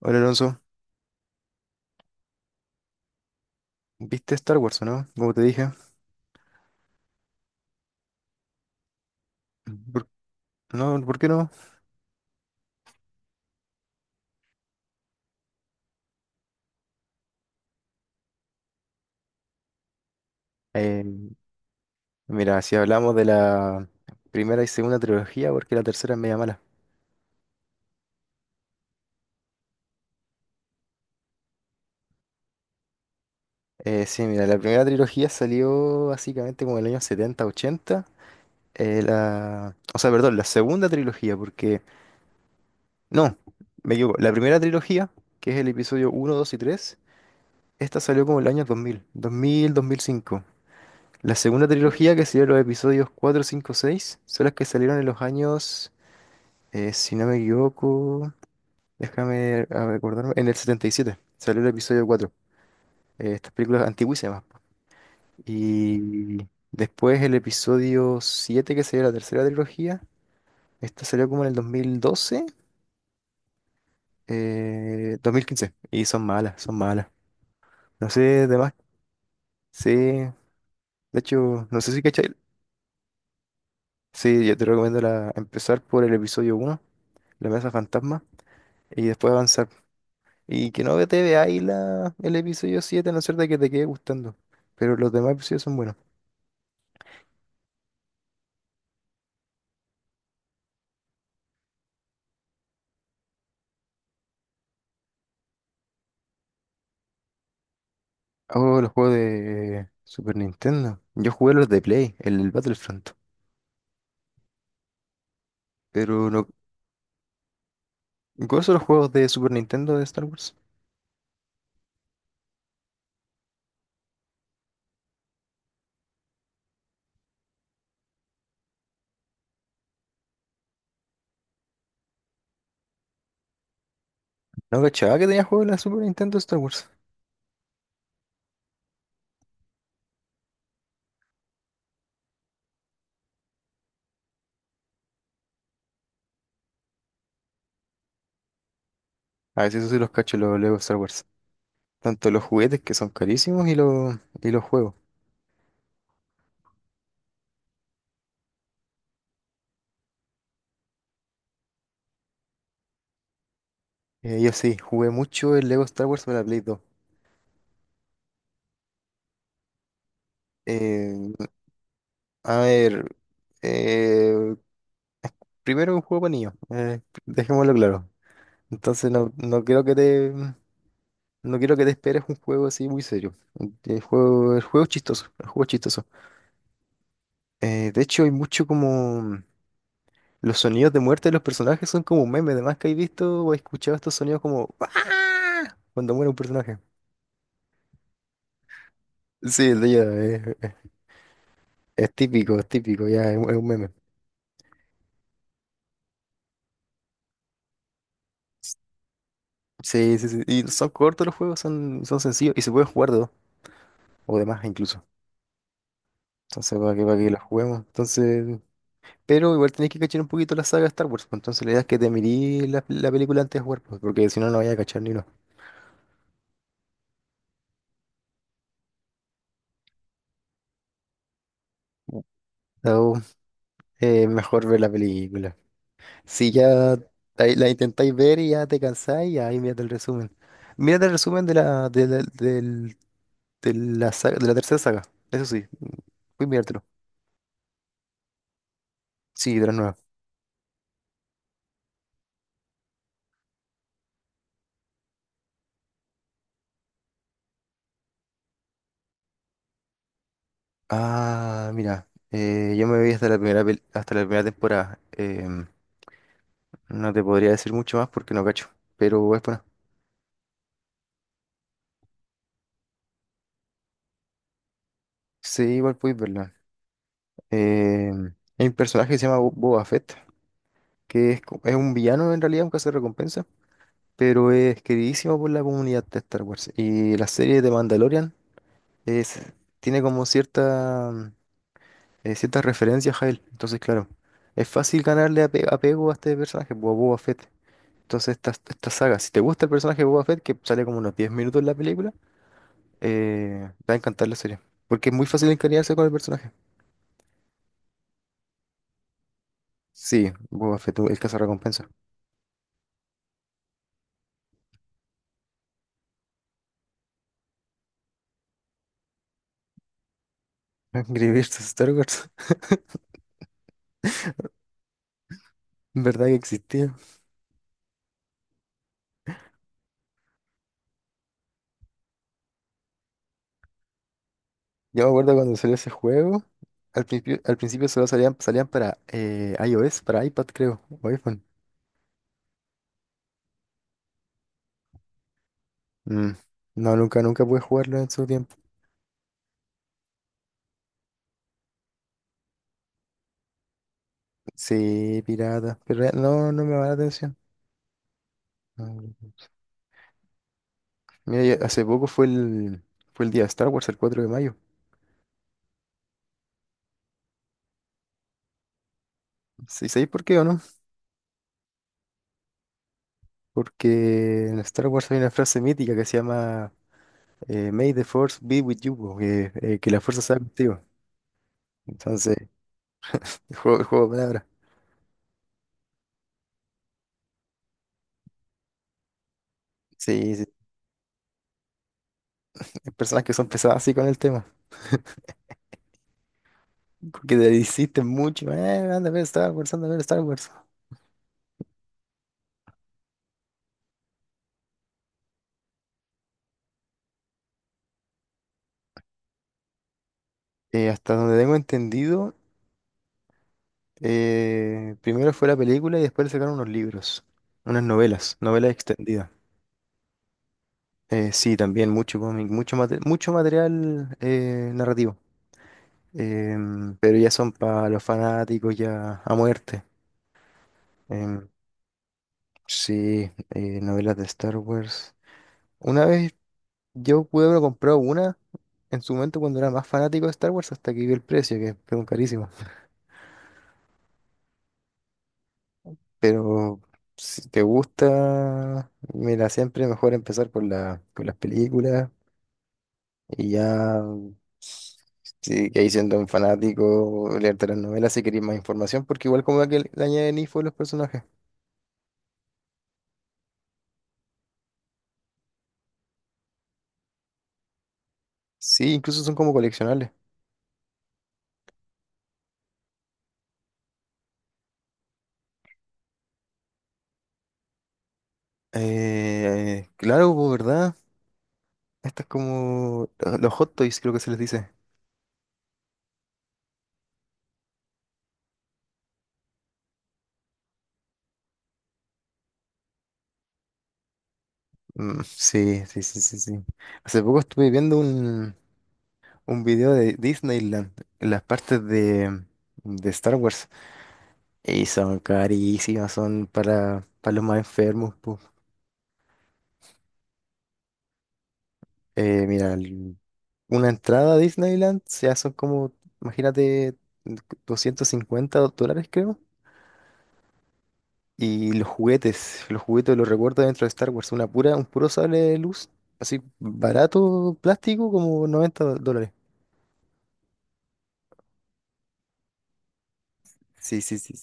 Hola Alonso, ¿viste Star Wars o no? Como te dije. ¿Por, no, ¿por qué no? Eh, mira, si hablamos de la primera y segunda trilogía, porque la tercera es media mala. Sí, mira, la primera trilogía salió básicamente como en el año 70 80. O sea, perdón, la segunda trilogía, porque... No, me equivoco. La primera trilogía, que es el episodio uno, 2 y tres. Esta salió como el año 2005. La segunda trilogía, que serían los episodios cuatro, cinco, 6, son las que salieron en los años. Si no me equivoco, déjame recordarme, en el 77 salió el episodio 4. Estas películas antiguísimas, po. Y después el episodio 7, que sería la tercera trilogía, esta salió como en el 2012, 2015. Y son malas, son malas. No sé, demás. Sí, de hecho, no sé si cachai. Sí, yo te recomiendo, empezar por el episodio uno, La Mesa Fantasma, y después avanzar. Y que no te vea veáis el episodio siete, a no ser de que te quede gustando. Pero los demás episodios son buenos. Oh, los juegos de Super Nintendo. Yo jugué los de Play, el Battlefront. Pero no gozo los juegos de Super Nintendo de Star Wars. No cachaba que tenía juegos de la Super Nintendo de Star Wars. A veces eso sí los cacho, los Lego Star Wars. Tanto los juguetes que son carísimos y los juegos. Yo sí, jugué mucho el Lego Star Wars para la Play 2. Eh, a ver, eh, Primero un juego para niños, dejémoslo claro. Entonces no, no quiero que te no quiero que te esperes un juego así muy serio. El juego es chistoso, el juego es chistoso. De hecho hay mucho como los sonidos de muerte de los personajes son como un meme, además que he visto o he escuchado estos sonidos como "Ah", cuando muere un personaje. Sí, el de ella es típico, ya es un meme. Sí, sí, sí. Y son cortos los juegos, son sencillos y se pueden jugar de dos o de más incluso. Entonces, para que los juguemos. Entonces, pero igual tenés que cachar un poquito la saga de Star Wars, pues. Entonces la idea es que te mirís la película antes de jugar, pues, porque si no, no vayas a cachar ni uno. So, Mejor ver la película. Si ya la intentáis ver y ya te cansáis, ahí mírate el resumen. Mírate el resumen de la tercera saga, eso sí, voy a mirártelo. Sí, de la nueva. Yo me vi hasta la primera temporada. No te podría decir mucho más porque no cacho, pero es buena. Sí, igual podéis verla. Eh, hay un personaje que se llama Boba Fett, que es un villano en realidad, un recompensa, pero es queridísimo por la comunidad de Star Wars. Y la serie de Mandalorian es, tiene como ciertas referencias a él. Entonces, claro, es fácil ganarle apego a este personaje, Boba Fett. Entonces, esta saga, si te gusta el personaje de Boba Fett, que sale como unos 10 minutos en la película, te va a encantar la serie. Porque es muy fácil encariñarse con el personaje. Sí, Boba Fett, el recompensa. Escribirse Star Wars. ¿Verdad que existía? Yo me acuerdo cuando salió ese juego, al principio solo salían para iOS, para iPad creo, o iPhone. Mm. No, nunca pude jugarlo en su tiempo. Sí, pirata, pero no me va la atención. Mm. Mira, ya hace poco fue el día de Star Wars, el 4 de mayo. ¿Sí sabéis por qué o no? Porque en Star Wars hay una frase mítica que se llama May the Force be with you, po, que la fuerza sea contigo. Entonces, el juego de palabras. Sí, sí. Hay personas que son pesadas así con el tema, que le insisten mucho, anda a ver Star Wars, anda a ver Star Wars. Hasta donde tengo entendido, primero fue la película y después le sacaron unos libros, unas novelas, novelas extendidas. Sí, también mucho cómic, mucho material, narrativo. Pero ya son para los fanáticos ya a muerte. Em, sí, novelas de Star Wars. Una vez yo pude haber comprado una en su momento cuando era más fanático de Star Wars, hasta que vi el precio, que fueron carísimo. Pero si te gusta, mira, siempre mejor empezar por por las películas y ya, si que ahí siendo un fanático, leerte las novelas si querés más información, porque igual como que le añaden info a los personajes. Sí, incluso son como coleccionables. Claro, pues, ¿verdad? Esto es como los hot toys, creo que se les dice. Mm, sí, sí, sí, sí, sí. Hace poco estuve viendo un video de Disneyland, en las partes de Star Wars, y son carísimas, son para los más enfermos, pu. Eh, mira, el- una entrada a Disneyland ya son como, imagínate, $250 creo. Y los juguetes los recuerdo dentro de Star Wars, un puro sable de luz, así barato, plástico, como $90. Sí, sí, sí.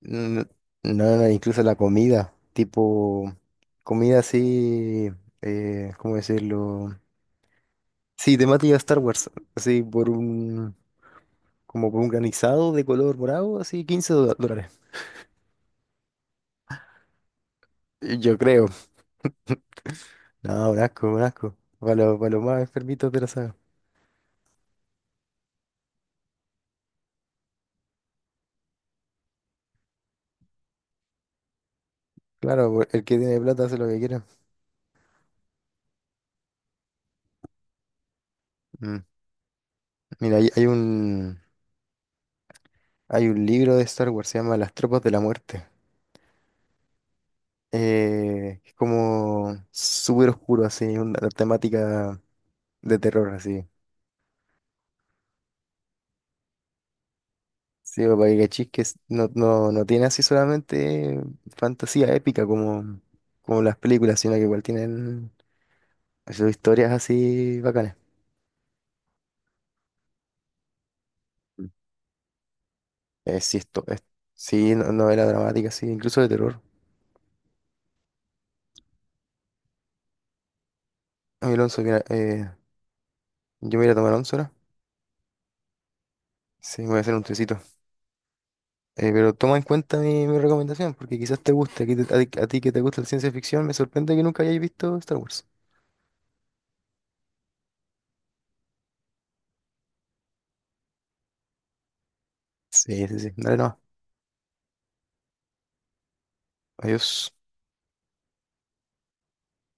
No, no, no, incluso la comida, tipo comida así, ¿cómo decirlo? Sí, temática Star Wars, así como por un granizado de color morado, así 15 dólares. Yo creo. No, un asco, un asco. Para los más enfermitos de la saga. Claro, pues, el que tiene plata hace lo que quiera. Mm. Mira, hay un libro de Star Wars, se llama Las Tropas de la Muerte. Es como súper oscuro, así, una temática. De terror, así. Sí, porque Gachis no, no, no tiene así solamente fantasía épica como, como las películas, sino que igual tienen sus historias así bacanas. Mm. Eh, sí, esto, es, sí, novela dramática, sí, incluso de terror. Ay, Alonso, mira, yo me voy a tomar once ahora. Sí, me voy a hacer un tecito. Pero toma en cuenta mi recomendación, porque quizás te guste. A ti, que te gusta la ciencia ficción, me sorprende que nunca hayáis visto Star Wars. Sí, sí, sí. Dale, no. Adiós.